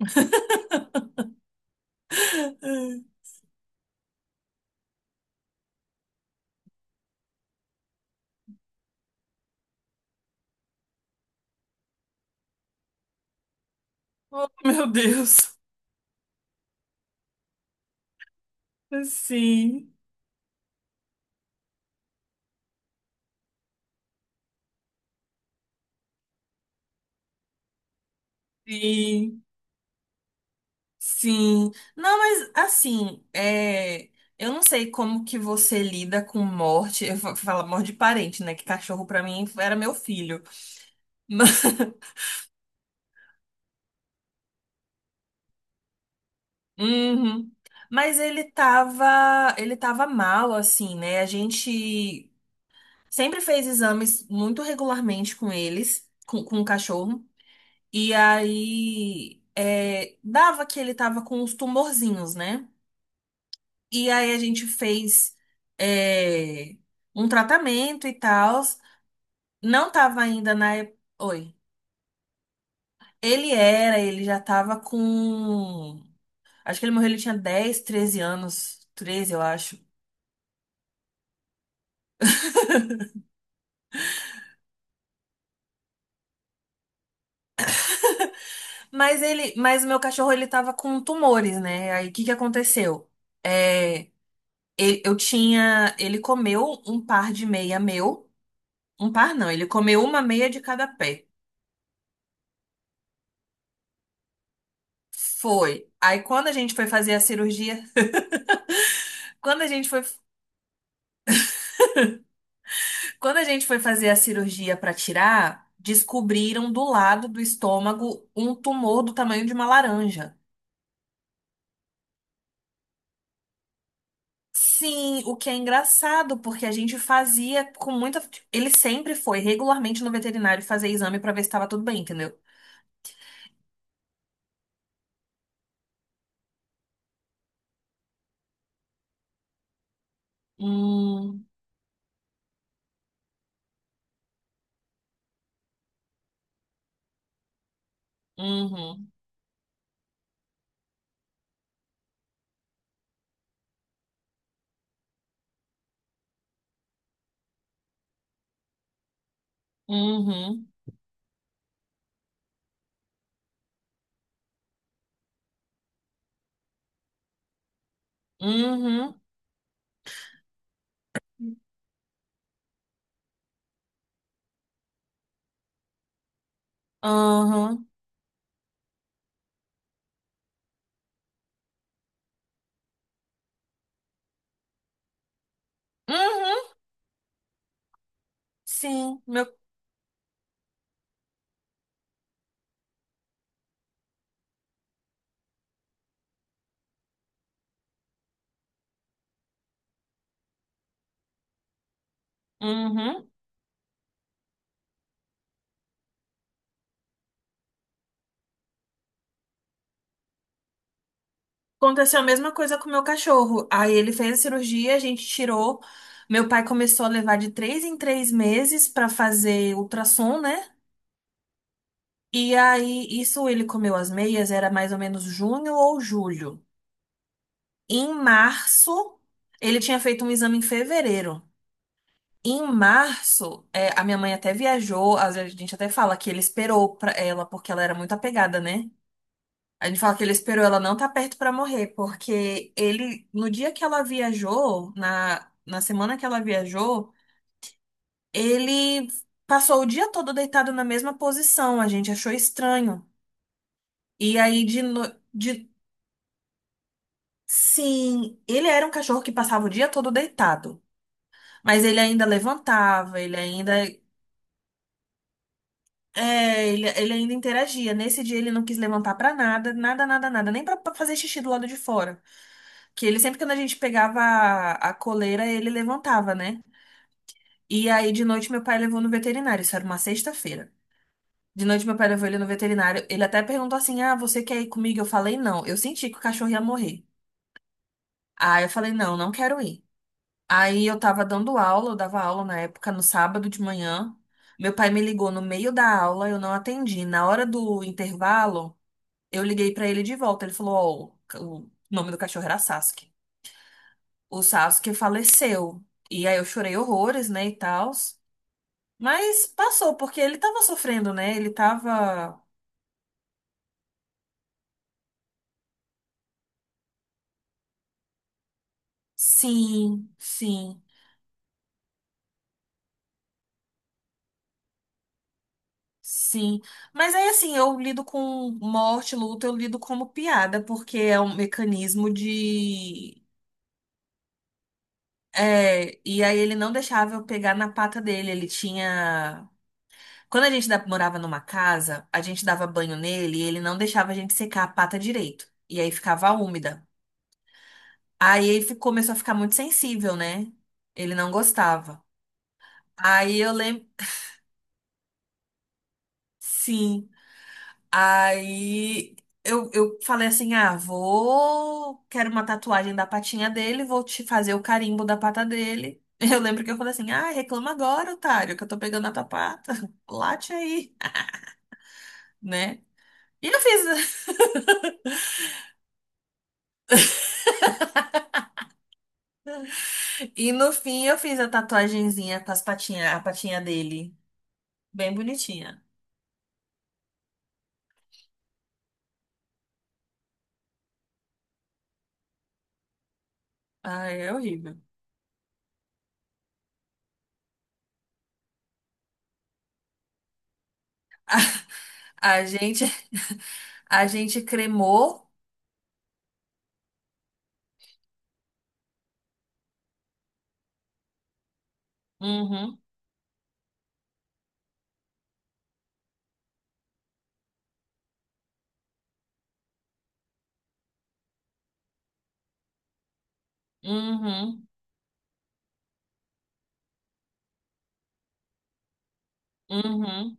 Oh, meu Deus. Sim, sim, sim. Não, mas assim, é, eu não sei como que você lida com morte. Eu falo morte de parente, né? Que cachorro pra mim era meu filho. Mas, Uhum. Mas ele tava mal, assim, né? A gente sempre fez exames muito regularmente com eles, com o cachorro. E aí, é, dava que ele tava com uns tumorzinhos, né? E aí a gente fez, é, um tratamento e tal. Não tava ainda na. Oi. Ele era, ele já tava com. Acho que ele morreu, ele tinha 10, 13 anos. 13 eu acho. Mas o meu cachorro, ele tava com tumores, né? Aí o que que aconteceu? É, ele comeu um par de meia meu. Um par não, ele comeu uma meia de cada pé. Foi. Aí quando a gente foi fazer a cirurgia, quando a gente foi, quando a gente foi fazer a cirurgia para tirar, descobriram do lado do estômago um tumor do tamanho de uma laranja. Sim, o que é engraçado, porque a gente fazia com muita. Ele sempre foi regularmente no veterinário fazer exame para ver se estava tudo bem, entendeu? Hum, uhum, uhum, uhum, uhum, uhum. Sim, meu. Uhum. Aconteceu a mesma coisa com o meu cachorro. Aí ele fez a cirurgia, a gente tirou. Meu pai começou a levar de três em três meses pra fazer ultrassom, né? E aí, isso ele comeu as meias, era mais ou menos junho ou julho. Em março, ele tinha feito um exame em fevereiro. Em março, é, a minha mãe até viajou, às vezes a gente até fala que ele esperou pra ela, porque ela era muito apegada, né? Aí ele fala que ele esperou ela não estar perto pra morrer, porque ele, no dia que ela viajou, na semana que ela viajou, ele passou o dia todo deitado na mesma posição. A gente achou estranho. E aí, de, no- de, sim, ele era um cachorro que passava o dia todo deitado, mas ele ainda levantava, ele ainda. É, ele ainda interagia. Nesse dia ele não quis levantar pra nada, nada, nada, nada, nem pra fazer xixi do lado de fora. Que ele sempre quando a gente pegava a coleira, ele levantava, né? E aí de noite meu pai levou no veterinário, isso era uma sexta-feira. De noite meu pai levou ele no veterinário, ele até perguntou assim: "Ah, você quer ir comigo?" Eu falei: "Não, eu senti que o cachorro ia morrer". Aí eu falei: "Não, não quero ir". Aí eu tava dando aula, eu dava aula na época no sábado de manhã. Meu pai me ligou no meio da aula, eu não atendi. Na hora do intervalo, eu liguei pra ele de volta. Ele falou, ó, o nome do cachorro era Sasuke. O Sasuke faleceu. E aí eu chorei horrores, né, e tal. Mas passou, porque ele tava sofrendo, né? Ele tava. Sim, sim, sim. Mas aí, assim, eu lido com morte, luto, eu lido como piada, porque é um mecanismo de. É, e aí ele não deixava eu pegar na pata dele. Ele tinha. Quando a gente morava numa casa, a gente dava banho nele e ele não deixava a gente secar a pata direito. E aí ficava úmida. Aí ele começou a ficar muito sensível, né? Ele não gostava. Aí eu lembro. Sim. Aí eu falei assim: ah, vou. Quero uma tatuagem da patinha dele, vou te fazer o carimbo da pata dele. Eu lembro que eu falei assim: ah, reclama agora, otário, que eu tô pegando a tua pata. Late aí, né? E eu fiz. E no fim eu fiz a tatuagenzinha com as patinhas, a patinha dele. Bem bonitinha. Ai, é horrível. A, gente a gente cremou. Uhum, uhum, uhum,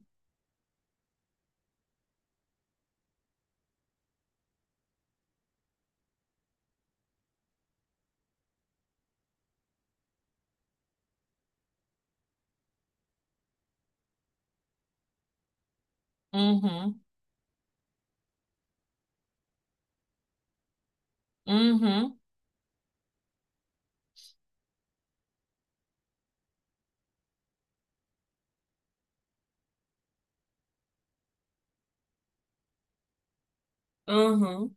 uhum, uhum, uhum. Uhum.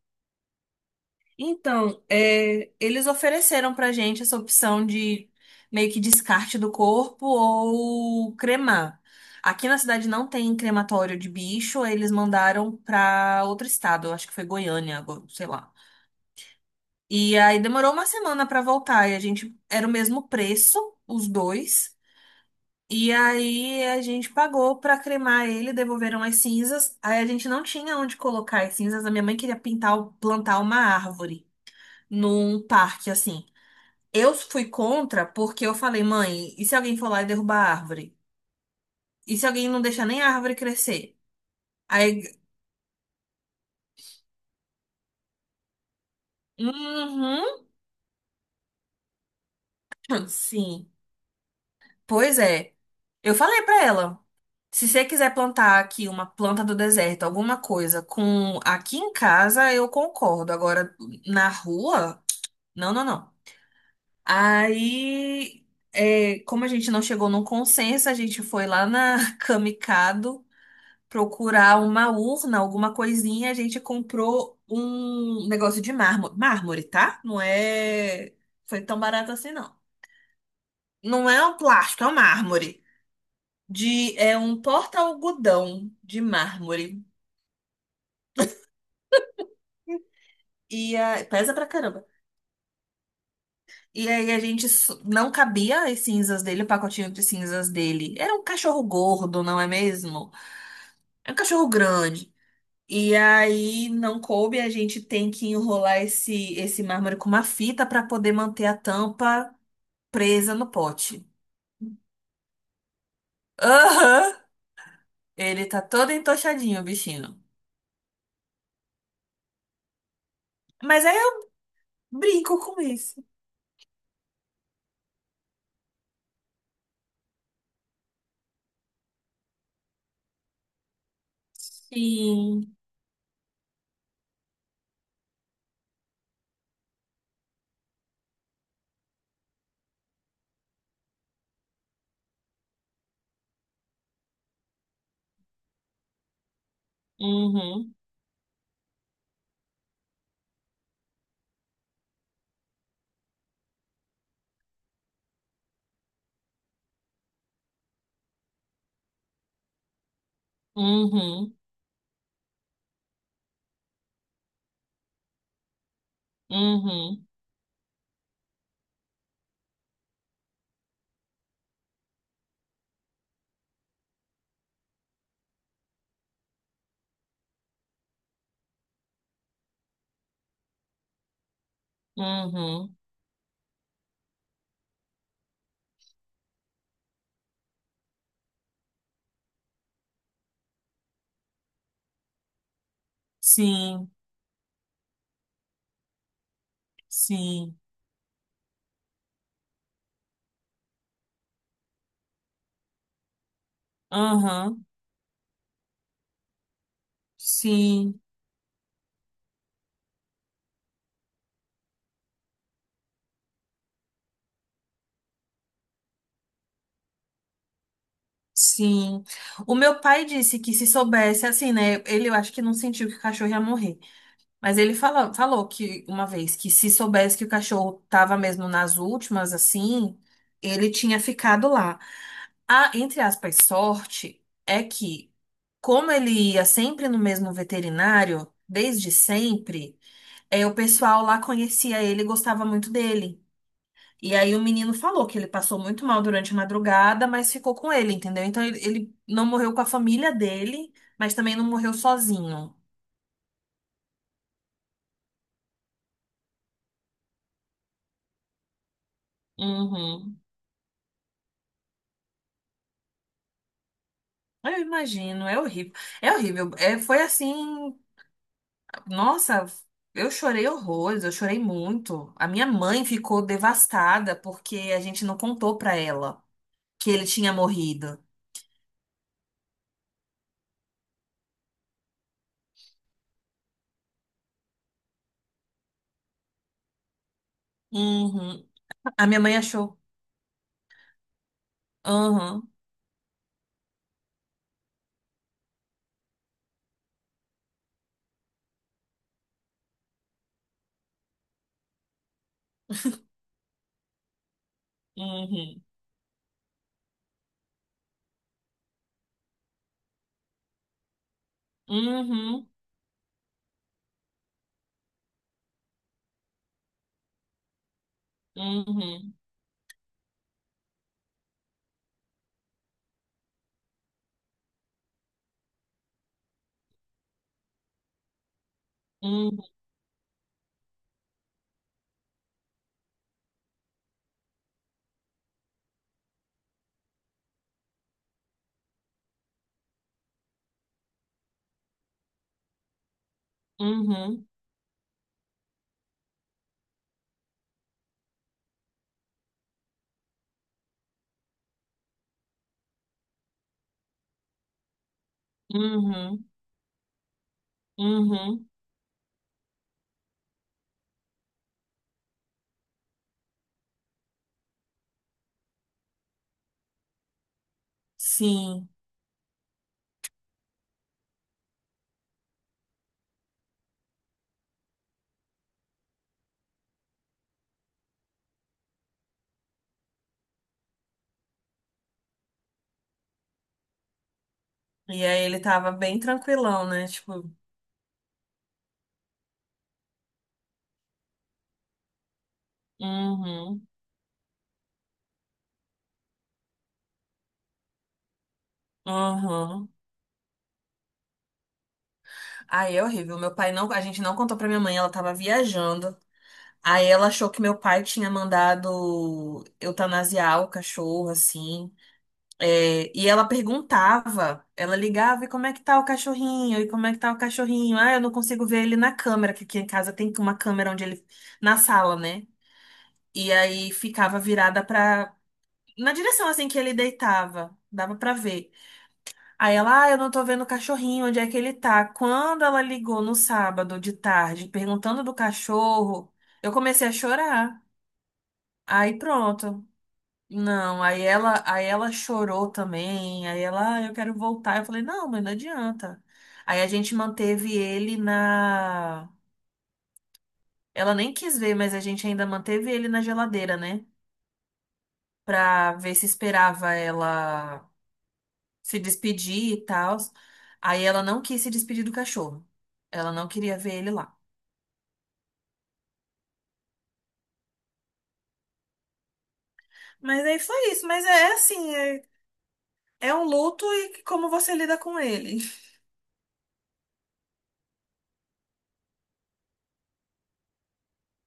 Então, é, eles ofereceram pra gente essa opção de meio que descarte do corpo ou cremar. Aqui na cidade não tem crematório de bicho, eles mandaram pra outro estado, eu acho que foi Goiânia, agora, sei lá. E aí demorou uma semana pra voltar e a gente era o mesmo preço, os dois. E aí a gente pagou pra cremar ele, devolveram as cinzas. Aí a gente não tinha onde colocar as cinzas, a minha mãe queria pintar, plantar uma árvore num parque assim. Eu fui contra porque eu falei, mãe, e se alguém for lá e derrubar a árvore? E se alguém não deixar nem a árvore crescer? Aí, uhum, sim. Pois é. Eu falei pra ela, se você quiser plantar aqui uma planta do deserto, alguma coisa com aqui em casa, eu concordo. Agora, na rua, não, não, não. Aí, é, como a gente não chegou num consenso, a gente foi lá na Camicado procurar uma urna, alguma coisinha, a gente comprou um negócio de mármore. Mármore, tá? Não é. Foi tão barato assim, não. Não é um plástico, é um mármore. De... É um porta-algodão de mármore. E ah, pesa pra caramba. E aí a gente não cabia as cinzas dele, o pacotinho de cinzas dele. Era um cachorro gordo, não é mesmo? É um cachorro grande. E aí não coube, a gente tem que enrolar esse mármore com uma fita para poder manter a tampa presa no pote. Aham! Ele tá todo entochadinho, o bichinho. Mas aí eu brinco com isso. Sim. Uhum. Uhum. Uhum. Uhum. Sim. Sim. Uhum. Sim. Sim. O meu pai disse que se soubesse, assim, né? Ele eu acho que não sentiu que o cachorro ia morrer. Mas ele falou que uma vez que se soubesse que o cachorro tava mesmo nas últimas, assim, ele tinha ficado lá. A, entre aspas, sorte é que, como ele ia sempre no mesmo veterinário, desde sempre, é, o pessoal lá conhecia ele e gostava muito dele. E aí o menino falou que ele passou muito mal durante a madrugada, mas ficou com ele, entendeu? Então ele não morreu com a família dele, mas também não morreu sozinho. Uhum. Eu imagino, é horrível. É horrível. É, foi assim, nossa, eu chorei horrores, eu chorei muito. A minha mãe ficou devastada porque a gente não contou pra ela que ele tinha morrido. Uhum. A minha mãe achou. Uhum, uhum, uhum, uhum, uhum, uhum, uhum, uhum. Sim. E aí ele tava bem tranquilão, né? Tipo, uhum, uhum. Aí é horrível. Meu pai não, a gente não contou pra minha mãe, ela tava viajando. Aí ela achou que meu pai tinha mandado eutanasiar o cachorro, assim. É, e ela perguntava, ela ligava, e como é que tá o cachorrinho? E como é que tá o cachorrinho? Ah, eu não consigo ver ele na câmera, que aqui em casa tem uma câmera onde ele, na sala, né? E aí ficava virada pra, na direção assim que ele deitava, dava pra ver. Aí ela, ah, eu não tô vendo o cachorrinho, onde é que ele tá? Quando ela ligou no sábado de tarde, perguntando do cachorro, eu comecei a chorar. Aí pronto. Não, aí ela chorou também. Aí ela, ah, eu quero voltar. Eu falei, não, mas não adianta. Aí a gente manteve ele na. Ela nem quis ver, mas a gente ainda manteve ele na geladeira, né? Pra ver se esperava ela se despedir e tal. Aí ela não quis se despedir do cachorro. Ela não queria ver ele lá. Mas aí foi isso. Mas é assim, é, é um luto e como você lida com ele.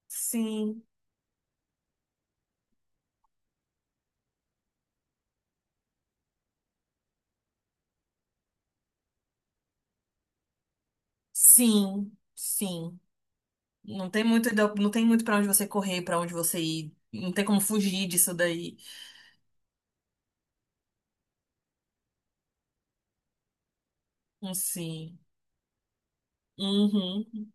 Sim, sim, sim. Não tem muito, não tem muito para onde você correr, para onde você ir. Não tem como fugir disso daí. Sim. Uhum.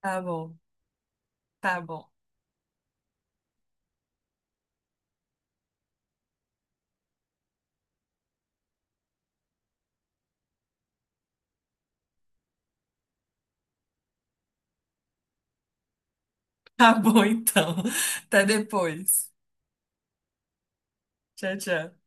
Tá bom, tá bom. Tá bom, então. Até depois. Tchau, tchau.